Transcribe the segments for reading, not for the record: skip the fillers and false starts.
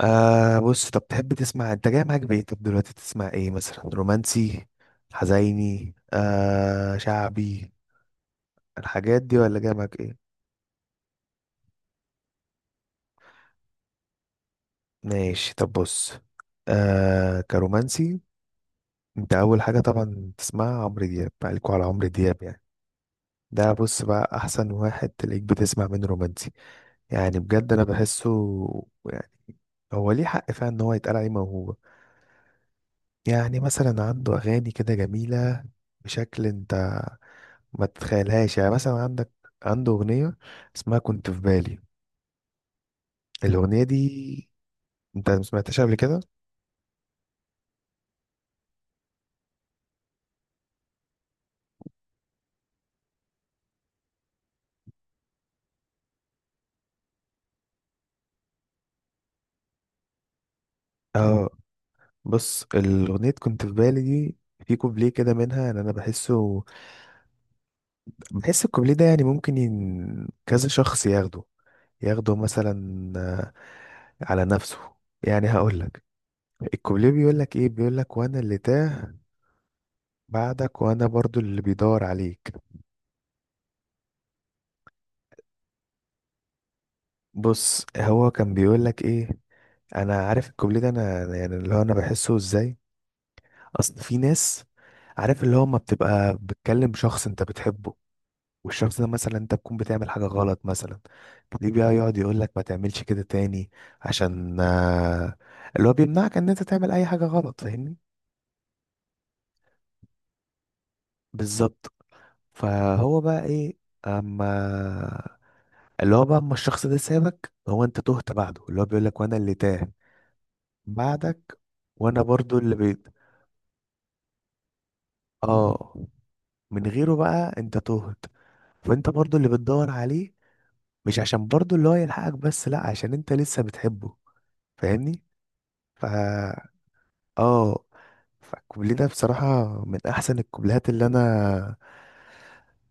آه، بص، طب تحب تسمع؟ انت جاي معاك بايه؟ طب دلوقتي تسمع ايه مثلا؟ رومانسي، حزيني، آه شعبي؟ الحاجات دي ولا جاي معاك ايه؟ ماشي، طب بص، آه كرومانسي، انت اول حاجة طبعا تسمعها عمرو دياب. عليكوا على عمرو دياب يعني. ده بص بقى احسن واحد تلاقيك بتسمع منه رومانسي. يعني بجد انا بحسه، يعني هو ليه حق فعلا ان هو يتقال عليه موهوب. يعني مثلا عنده اغاني كده جميلة بشكل انت ما تتخيلهاش. يعني مثلا عندك، عنده أغنية اسمها كنت في بالي. الأغنية دي أنت ما سمعتهاش قبل كده؟ اه، بص الأغنية كنت في بالي دي، في كوبليه كده منها يعني أنا بحسه، بحس الكوبليه ده يعني ممكن كذا شخص ياخده، ياخده مثلا على نفسه. يعني هقول لك الكوبليه بيقول لك ايه. بيقول لك وانا اللي تاه بعدك، وانا برضو اللي بيدور عليك. بص هو كان بيقول لك ايه؟ انا عارف الكوبليه ده، انا يعني اللي هو انا بحسه ازاي. اصل في ناس، عارف اللي هو ما بتبقى بتكلم شخص انت بتحبه، والشخص ده مثلا انت تكون بتعمل حاجة غلط مثلا، ليه بقى يقعد يقول لك ما تعملش كده تاني؟ عشان اللي هو بيمنعك ان انت تعمل اي حاجة غلط. فاهمني؟ بالظبط. فهو بقى ايه، اما اللي هو بقى اما الشخص ده سابك، هو انت تهت بعده. اللي هو بيقول لك وانا اللي تاه بعدك، وانا برضو اللي بيت اه من غيره بقى انت تهت. فانت برضو اللي بتدور عليه، مش عشان برضو اللي هو يلحقك بس، لا عشان انت لسه بتحبه. فاهمني؟ فا اه، فالكوبليه ده بصراحة من احسن الكوبليهات اللي انا،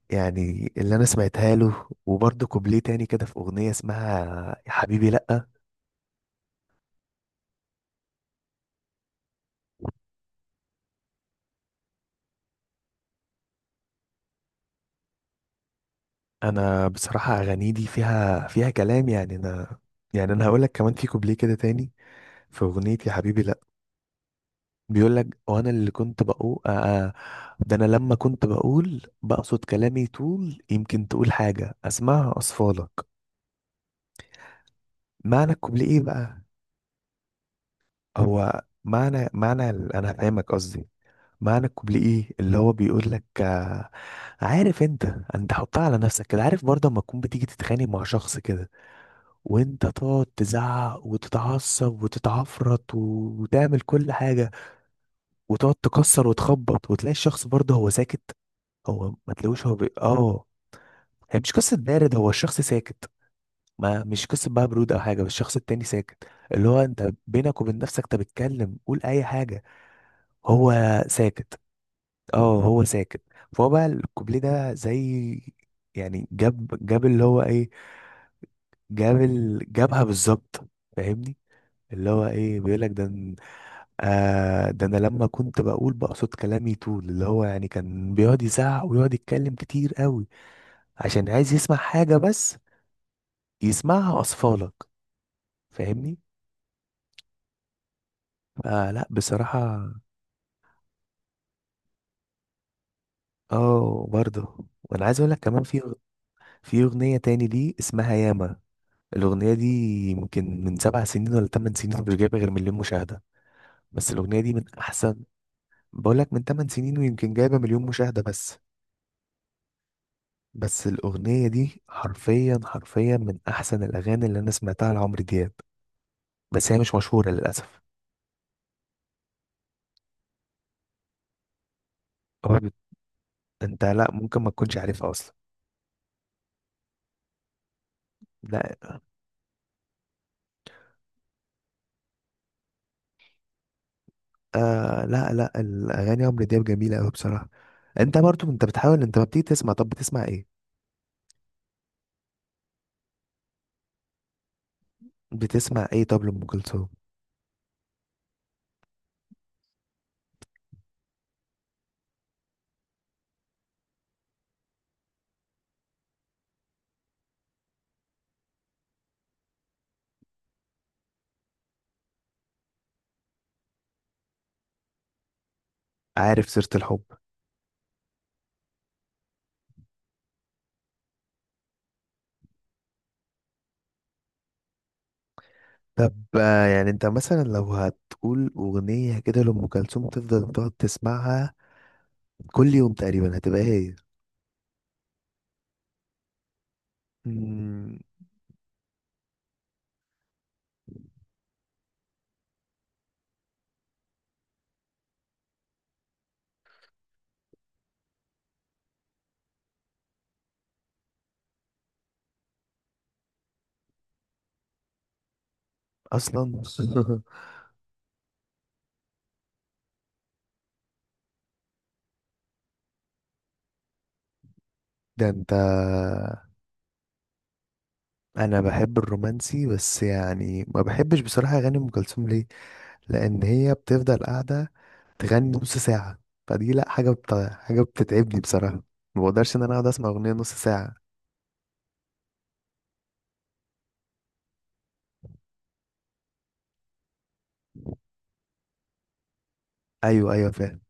يعني اللي انا سمعتها له. وبرضو كوبليه تاني كده في اغنية اسمها يا حبيبي لا. انا بصراحة اغاني دي فيها، فيها كلام. يعني انا، يعني انا هقولك كمان في كوبليه كده تاني في اغنية يا حبيبي لا، بيقول لك وانا اللي كنت بقول ده انا لما كنت بقول بقصد كلامي، طول يمكن تقول حاجة اسمعها اصفالك. معنى الكوبليه ايه بقى؟ هو معنى انا فاهمك قصدي، معنى الكوبليه ايه؟ اللي هو بيقول لك آه، عارف انت، انت حطها على نفسك كده. عارف برضه اما تكون بتيجي تتخانق مع شخص كده، وانت تقعد تزعق وتتعصب وتتعفرط وتعمل كل حاجة، وتقعد تكسر وتخبط، وتلاقي الشخص برضه هو ساكت، هو ما تلاقوش هو اه، هي مش قصة بارد، هو الشخص ساكت. ما مش قصة بقى برود او حاجة، بس الشخص التاني ساكت. اللي هو انت بينك وبين نفسك انت بتتكلم قول اي حاجة، هو ساكت. اه هو ساكت. فهو بقى الكوبليه ده زي، يعني جاب اللي هو ايه، جاب جابها بالظبط. فاهمني؟ اللي هو ايه بيقول لك ده آه، ده انا لما كنت بقول بقصد كلامي، طول اللي هو يعني كان بيقعد يزعق ويقعد يتكلم كتير قوي عشان عايز يسمع حاجة بس، يسمعها اطفالك. فاهمني؟ فلا بصراحه. اه برضه، وانا عايز اقول لك كمان في، في اغنيه تاني دي اسمها ياما. الاغنيه دي يمكن من 7 سنين ولا 8 سنين، مش جايبه غير مليون مشاهده بس. الاغنيه دي من احسن، بقول لك من 8 سنين ويمكن جايبه مليون مشاهده بس. بس الاغنيه دي حرفيا حرفيا من احسن الاغاني اللي انا سمعتها لعمرو دياب، بس هي مش مشهوره للاسف. هو انت لا ممكن ما تكونش عارفها اصلا. لا آه، لا لا، الاغاني عمرو دياب جميله قوي بصراحه. انت برضو انت بتحاول، انت ما بتيجي تسمع؟ طب بتسمع ايه؟ بتسمع ايه طب لام كلثوم؟ عارف سيره الحب. طب آه، يعني انت مثلا لو هتقول اغنيه كده لام كلثوم تفضل تقعد تسمعها كل يوم تقريبا هتبقى ايه؟ مم، اصلا ده انت، انا بحب الرومانسي، بس يعني ما بحبش بصراحه اغاني ام كلثوم. ليه؟ لان هي بتفضل قاعده تغني نص ساعه. فدي لا حاجه حاجه بتتعبني بصراحه. ما بقدرش ان انا اقعد اسمع اغنيه نص ساعه. ايوه ايوه فاهم.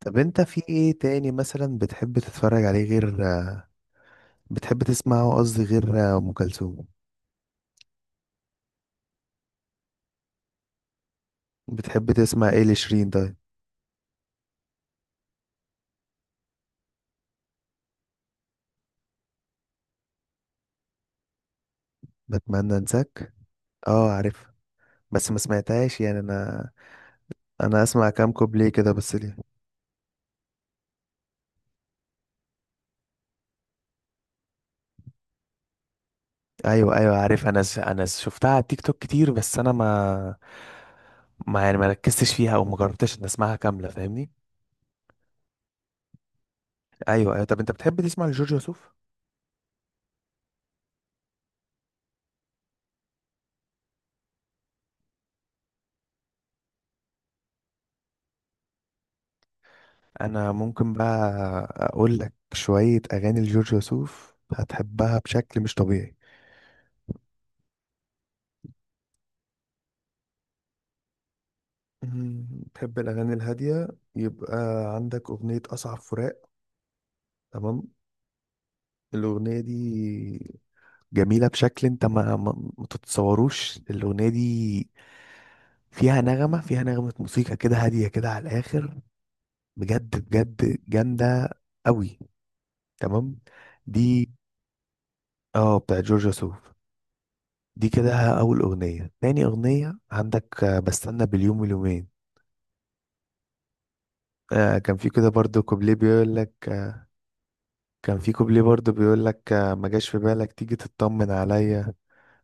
طب انت في ايه تاني مثلا بتحب تتفرج عليه غير، بتحب تسمعه قصدي، غير ام كلثوم؟ بتحب تسمع ايه لشيرين طيب؟ بتمنى انساك. اه عارف، بس ما سمعتهاش يعني انا، انا اسمع كام كوبليه كده بس ليه. ايوه ايوه عارف، انا انا شفتها على تيك توك كتير، بس انا ما، ما يعني ما ركزتش فيها او ما جربتش ان اسمعها كامله. فاهمني؟ ايوه ايوه، طب انت بتحب تسمع لجورج وسوف؟ انا ممكن بقى اقول لك شويه اغاني لجورج وسوف هتحبها بشكل مش طبيعي. مم، بتحب الاغاني الهاديه. يبقى عندك اغنيه اصعب فراق، تمام؟ الاغنيه دي جميله بشكل انت ما تتصوروش. الاغنيه دي فيها نغمه، فيها نغمه موسيقى كده هاديه كده على الاخر. بجد بجد جامده قوي، تمام؟ دي اه بتاع جورجيا سوف. دي كده ها، اول اغنيه. تاني اغنيه عندك بستنى باليوم واليومين. آه كان في كده برضو كوبليه بيقول لك آه، كان في كوبليه برضو بيقول لك آه، ما جاش في بالك تيجي تطمن عليا،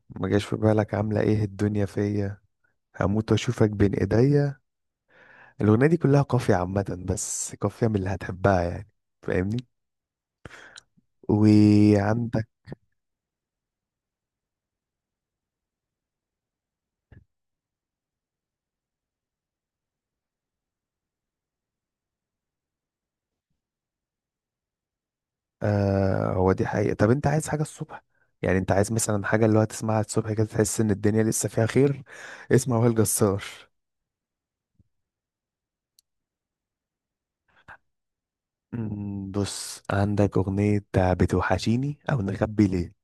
ما جاش في بالك عامله ايه الدنيا فيا، هموت واشوفك بين ايديا. الاغنيه دي كلها قافيه عامه، بس قافيه من اللي هتحبها يعني. فاهمني؟ وعندك، آه هو دي حقيقة. طب انت عايز حاجة الصبح؟ يعني انت عايز مثلا حاجة اللي هو تسمعها الصبح كده تحس ان الدنيا لسه فيها خير، اسمع وائل جسار. مم، بص عندك أغنية بتوحشيني أو نخبي ليه.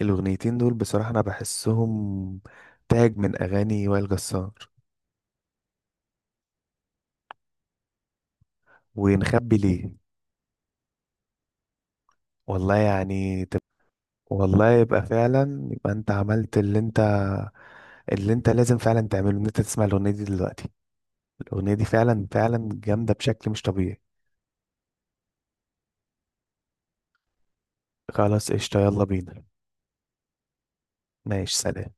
الأغنيتين دول بصراحة أنا بحسهم تاج من أغاني وائل جسار. ونخبي ليه والله يعني والله يبقى فعلا، يبقى انت عملت اللي انت، اللي انت لازم فعلا تعمله، ان انت تسمع الأغنية دي دلوقتي. الأغنية دي فعلا فعلا جامدة بشكل مش طبيعي. خلاص قشطة، يلا بينا. ماشي سلام.